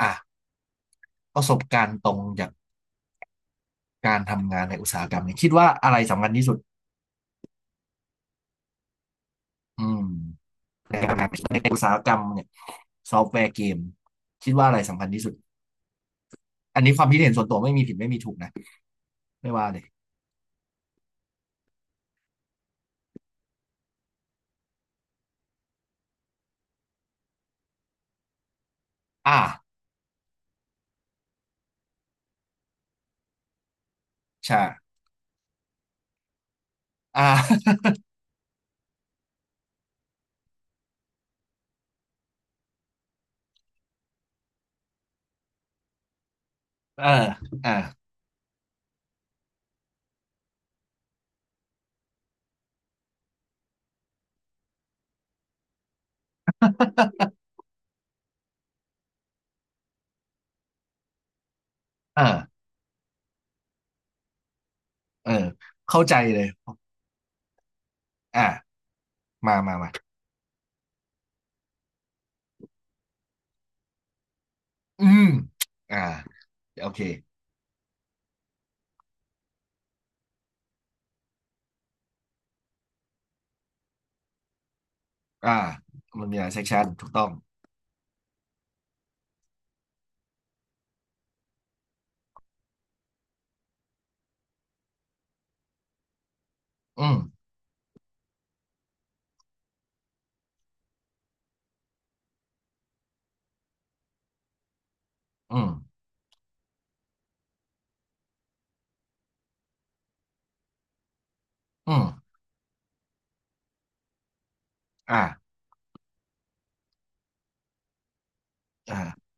อ่ะประสบการณ์ตรงจากการทำงานในอุตสาหกรรมเนี่ยคิดว่าอะไรสำคัญที่สุดอืมในการทำงานในอุตสาหกรรมเนี่ยซอฟต์แวร์เกมคิดว่าอะไรสำคัญที่สุดอันนี้ความคิดเห็นส่วนตัวไม่มีผิดไม่มีถูกนะไม่ว่าเลยอ่าใช่อ่า เอออ่าเออเออเข้าใจเลยอ่ะมามามาอืมอ่าโอเคอ่ามันมีหลายเซกชันถูกต้องอืมอืมอืมอ่าอ่า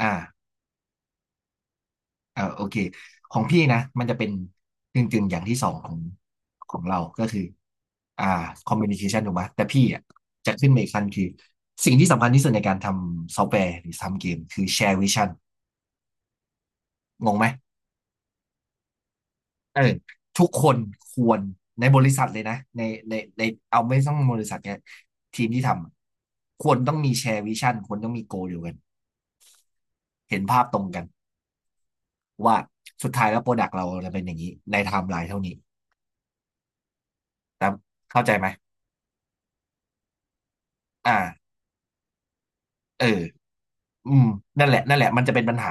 อ่า เอ่าโอเคของพี่นะมันจะเป็นกึ่งกึ่งอย่างที่สองของของเราก็คืออ่าคอมมิวนิเคชันถูกไหมแต่พี่อ่ะจะขึ้นมาอีกขั้นคือสิ่งที่สำคัญที่สุดในการทำซอฟต์แวร์หรือทำเกมคือแชร์วิชั่นงงไหมเออทุกคนควรในบริษัทเลยนะในเอาไม่ต้องบริษัทเนี่ยทีมที่ทำอะควรต้องมีแชร์วิชั่นควรต้องมีโกเดียวกันเห็นภาพตรงกันว่าสุดท้ายแล้วโปรดักต์เราจะเป็นอย่างนี้ในไทม์ไลน์เท่านี้แต่เข้าใจไหมอ่า เอออืมนั่นแหละนั่นแหละมันจะเป็นปัญหา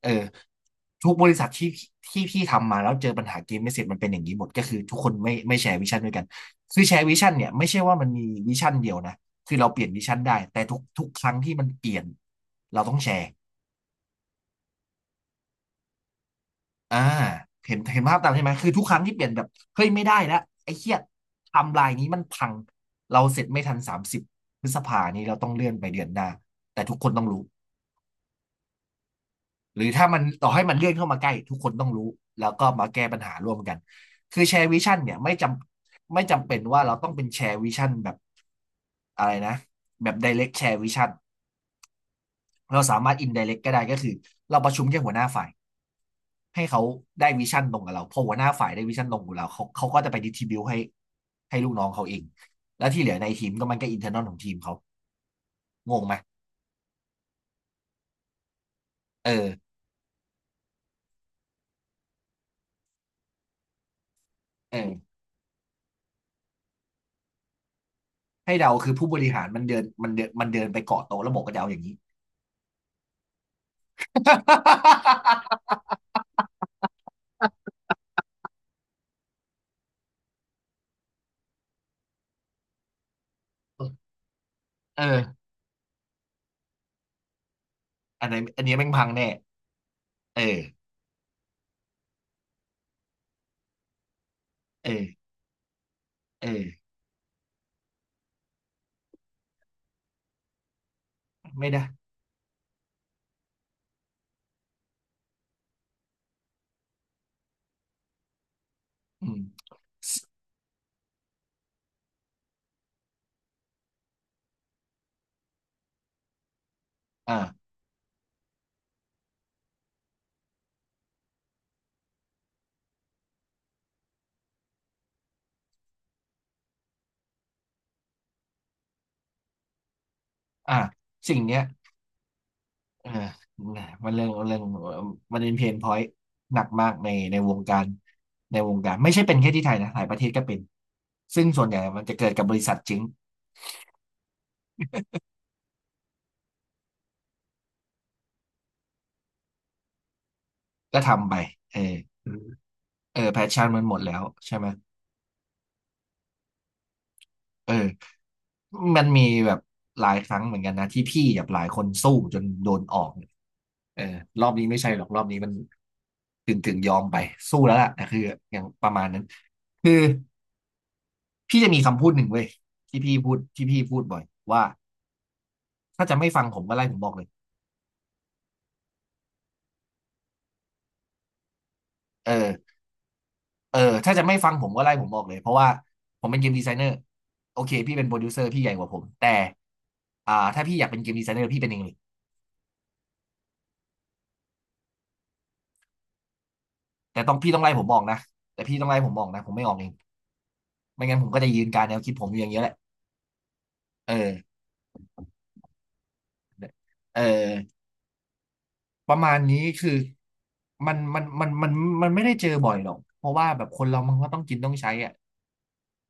เออทุกบริษัทที่ที่พี่ทำมาแล้วเจอปัญหาเกมไม่เสร็จมันเป็นอย่างนี้หมด ก็คือทุกคนไม่แชร์วิชั่นด้วยกันคือแชร์วิชั่นเนี่ยไม่ใช่ว่ามันมีวิชั่นเดียวนะ คือเราเปลี่ยนวิชั่นได้ แต่ทุกครั้งที่มันเปลี่ยนเราต้องแชร์อ่าเห็นภาพตามใช่ไหมคือทุกครั้งที่เปลี่ยนแบบ เฮ้ยไม่ได้แล้วไอ้เหี้ยไทำลายนี้มันพัง เราเสร็จไม่ทัน30พฤษภานี้เราต้องเลื่อนไปเดือนหน้าแต่ทุกคนต้องรู้ หรือถ้ามันต่อให้มันเลื่อนเข้ามาใกล้ทุกคนต้องรู้แล้วก็มาแก้ปัญหาร่วมกันคือแชร์วิชั่นเนี่ยไม่จำเป็นว่าเราต้องเป็นแชร์วิชั่นแบบอะไรนะแบบไดเรกแชร์วิชั่นเราสามารถอินไดเรกก็ได้ก็คือเราประชุมแค่หัวหน้าฝ่ายให้เขาได้วิชั่นตรงกับเราพอหัวหน้าฝ่ายได้วิชั่นตรงกับเราเขาก็จะไปดิสทริบิวต์ให้ลูกน้องเขาเองแล้วที่เหลือในทีมก็มันก็อินเทอร์นอลของทีมเขางงไหมเออเออให้เราคือผู้บริหารมันเดินไปเกาะโต๊ะแล้วบอกก็จะเอาอย่างนี้ เอออันไหนอันนี้แม่งพังแน่เออเออเออไม่ได้อืมสอ่าอ่าสิ่งเนี้ยเออนะมันเรื่องมันเป็นเพนพอยต์หนักมากในวงการในวงการไม่ใช่เป็นแค่ที่ไทยนะ หลายประเทศก็เป็น ซึ่งส่วนใหญ่มันจะเกิดกับบริษัทจริงก็ทำไปเออเออแพชชั่นมันหมดแล้วใช่ไหมเออมันมีแบบหลายครั้งเหมือนกันนะที่พี่กับหลายคนสู้จนโดนออก เออรอบนี้ไม่ใช่หรอกรอบนี้มันถึงยอมไปสู้แล้วล่ะนะคืออย่างประมาณนั้นคือพี่จะมีคำพูดหนึ่งเว้ยที่พี่พูดบ่อยว่าถ้าจะไม่ฟังผมก็ไล่ผมบอกเลยเออเออถ้าจะไม่ฟังผมก็ไล่ผมบอกเลยเพราะว่าผมเป็นเกมดีไซเนอร์โอเคพี่เป็นโปรดิวเซอร์พี่ใหญ่กว่าผมแต่อ่าถ้าพี่อยากเป็นเกมดีไซเนอร์พี่เป็นเองเลยแต่ต้องพี่ต้องไล่ผมบอกนะแต่พี่ต้องไล่ผมบอกนะผมไม่ออกเองไม่งั้นผมก็จะยืนการแนวคิดผมอยู่อย่างเงี้ยแหละเออเออ ประมาณนี้คือมันมันไม่ได้เจอบ่อยหรอกเพราะว่าแบบคนเรามันก็ต้องกินต้องใช้อ่ะ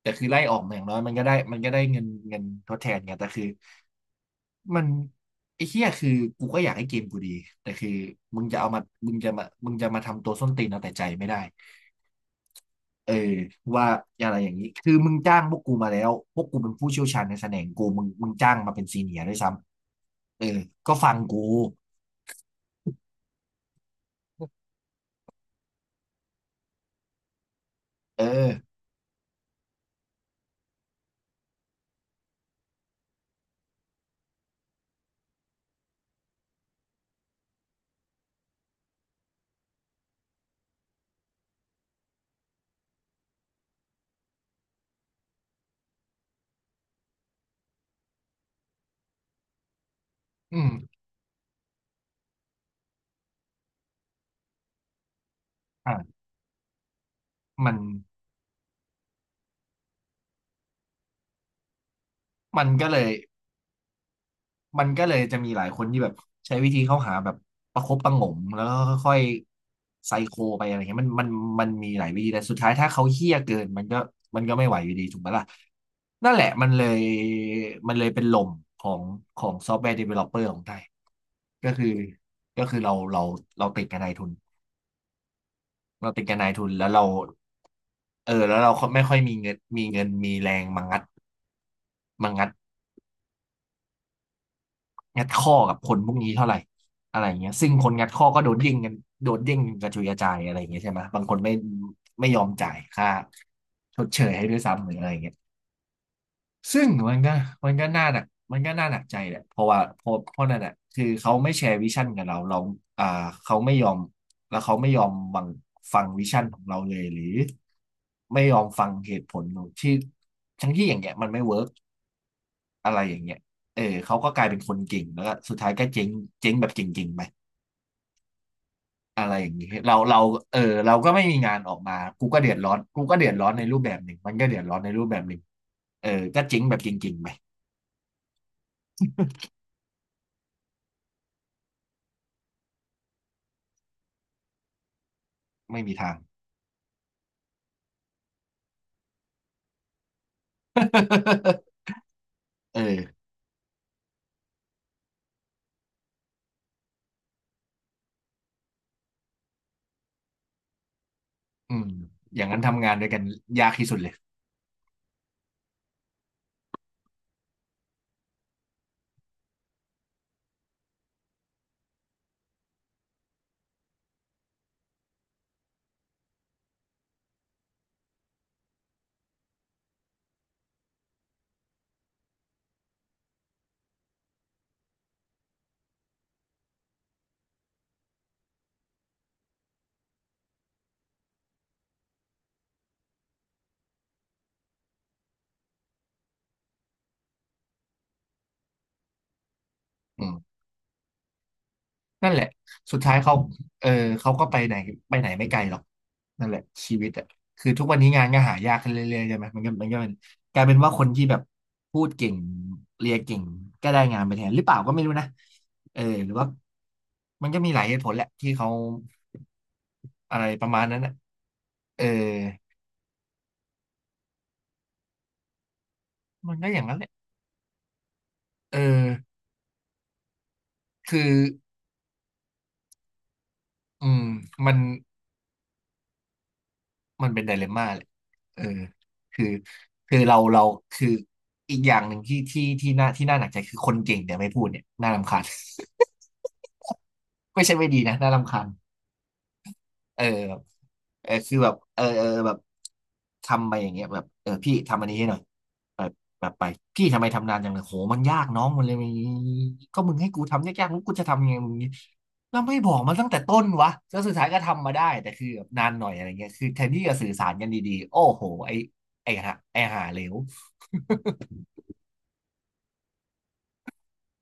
แต่คือไล่ออกมาอย่างน้อยมันก็ได้มันก็ได้เงินทดแทนไงแต่คือมันไอ้เหี้ยคือกูก็อยากให้เกมกูดีแต่คือมึงจะเอามามึงจะมาทำตัวส้นตีนเอาแต่ใจไม่ได้เออว่าอะไรอย่างนี้คือมึงจ้างพวกกูมาแล้วพวกกูเป็นผู้เชี่ยวชาญในแสดงกูมึงจ้างมาเป็นซีเนียร์ด้วยซ้ำเออก็ฟังกูเอออืมอ่ะมัน มันก็เลย มันก็เลยจะมีหลายคนที่แบบใช้วิธีเข้าหาแบบประคบประหงมแล้วก็ค่อยๆไซโคไปอะไรเงี้ยมันมันมีหลายวิธีแต่สุดท้ายถ้าเขาเหี้ยเกินมันก็ไม่ไหวอยู่ดีถูกไหมล่ะนั่นแหละมันเลยเป็นลมของของซอฟต์แวร์เดเวลลอปเปอร์ของไทยก็คือก็คือเราติดกับนายทุนเราติดกับนายทุนแล้วเราเออแล้วเราไม่ค่อยมีเงินมีแรงมางัด งัดข้อกับคนพวกนี้เท่าไหร่อะไรเงี้ยซึ่งคนงัดข้อก็โดนเด้งกันกระจุยกระจายอะไรเงี้ยใช่ไหมบางคนไม่ยอมจ่ายค่าชดเชยให้ด้วยซ้ำหรืออะไรเงี้ยซึ่งมันก็น่าหนักใจแหละเพราะว่าเพราะนั่นแหละคือเขาไม่แชร์วิชั่นกับเราอ่าเขาไม่ยอมแล้วเขาไม่ยอมฟังวิชั่นของเราเลยหรือไม่ยอมฟังเหตุผลของที่ทั้งที่อย่างเงี้ยมันไม่เวิร์ก อะไรอย่างเงี้ยเออเขาก็กลายเป็นคนเก่ง แล้วก็สุดท้ายก็เจ๊งเจ๊งแบบเก่งๆไปอะไรอย่างเงี้ยเราเออเราก็ไม่มีงานออกมา กูก็เดือดร้อนกูก็เดือดร้อนในรูปแบบหนึ่งมันก็เดือดร้อนในรูปแบบหนึ่งเออก็เจ๊งแบบเก่งๆไป ไม่มีทาง เอออืมอย่างนั้นทำงานด้วยกันยากที่สุดเลยอืม นั่นแหละสุดท้ายเขาเออเขาก็ไปไหนไปไหนไม่ไกลหรอกนั่นแหละชีวิตอ่ะคือทุกวันนี้งานก็หายากขึ้นเรื่อยๆใช่ไหมมันก็เป็นกลายเป็นว่าคนที่แบบพูดเก่งเรียนเก่งก็ได้งานไปแทนหรือเปล่าก็ไม่รู้นะเออหรือว่ามันก็มีหลายเหตุผลแหละที่เขาอะไรประมาณนั้นอ่ะเออมันก็อย่างนั้นแหละเออคืออืมมัน มันเป็นไดเลมม่าเลยเออคือคือเราคืออีกอย่างหนึ่งที่น่าหนักใจคือคนเก่งเนี่ยไม่พูดเนี่ยน่ารำคาญ ไม่ใช่ไม่ดีนะน่ารำคาญเออ เออคือแบบเออแบบทำไปอย่างเงี้ยแบบเออพี่ทำอันนี้ให้หน่อยแบบแบบไปพี่ทำไมทำนานจังเลยโหมันยากน้องมันเลยมีก็มึงให้กูทำยากๆมึงกูจะทำยังไงมึงแล้วไม่บอกมันตั้งแต่ต้นวะแล้วสุดท้ายก็ทำมาได้แต่คือแบบนานหน่อยอะไรเงี้ยคือแทนที่จะสื่อสารกันดีๆโอ้โหไอหาเหลว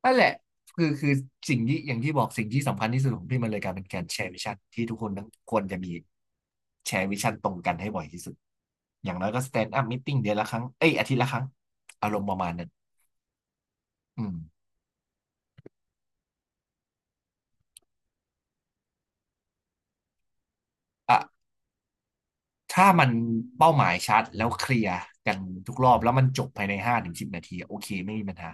นั่นแหละคือสิ่งที่อย่างที่บอกสิ่งที่สำคัญที่สุดของพี่มันเลยกลายเป็นการแชร์วิชั่นที่ทุกคนต้องควรจะมีแชร์วิชั่นตรงกันให้บ่อยที่สุดอย่างน้อยก็สแตนด์อัพม t ติ้งเดือนละครั้งเอ้ยอาทิตย์ละครั้งอารมณ์ประมาณนั้นอืมอ่ะถ้ามันเป้าหมายชัดแล้วเคลียร์กันทุกรอบแล้วมันจบภายใน5 ถึง 10 นาทีโอเคไม่มีปัญหา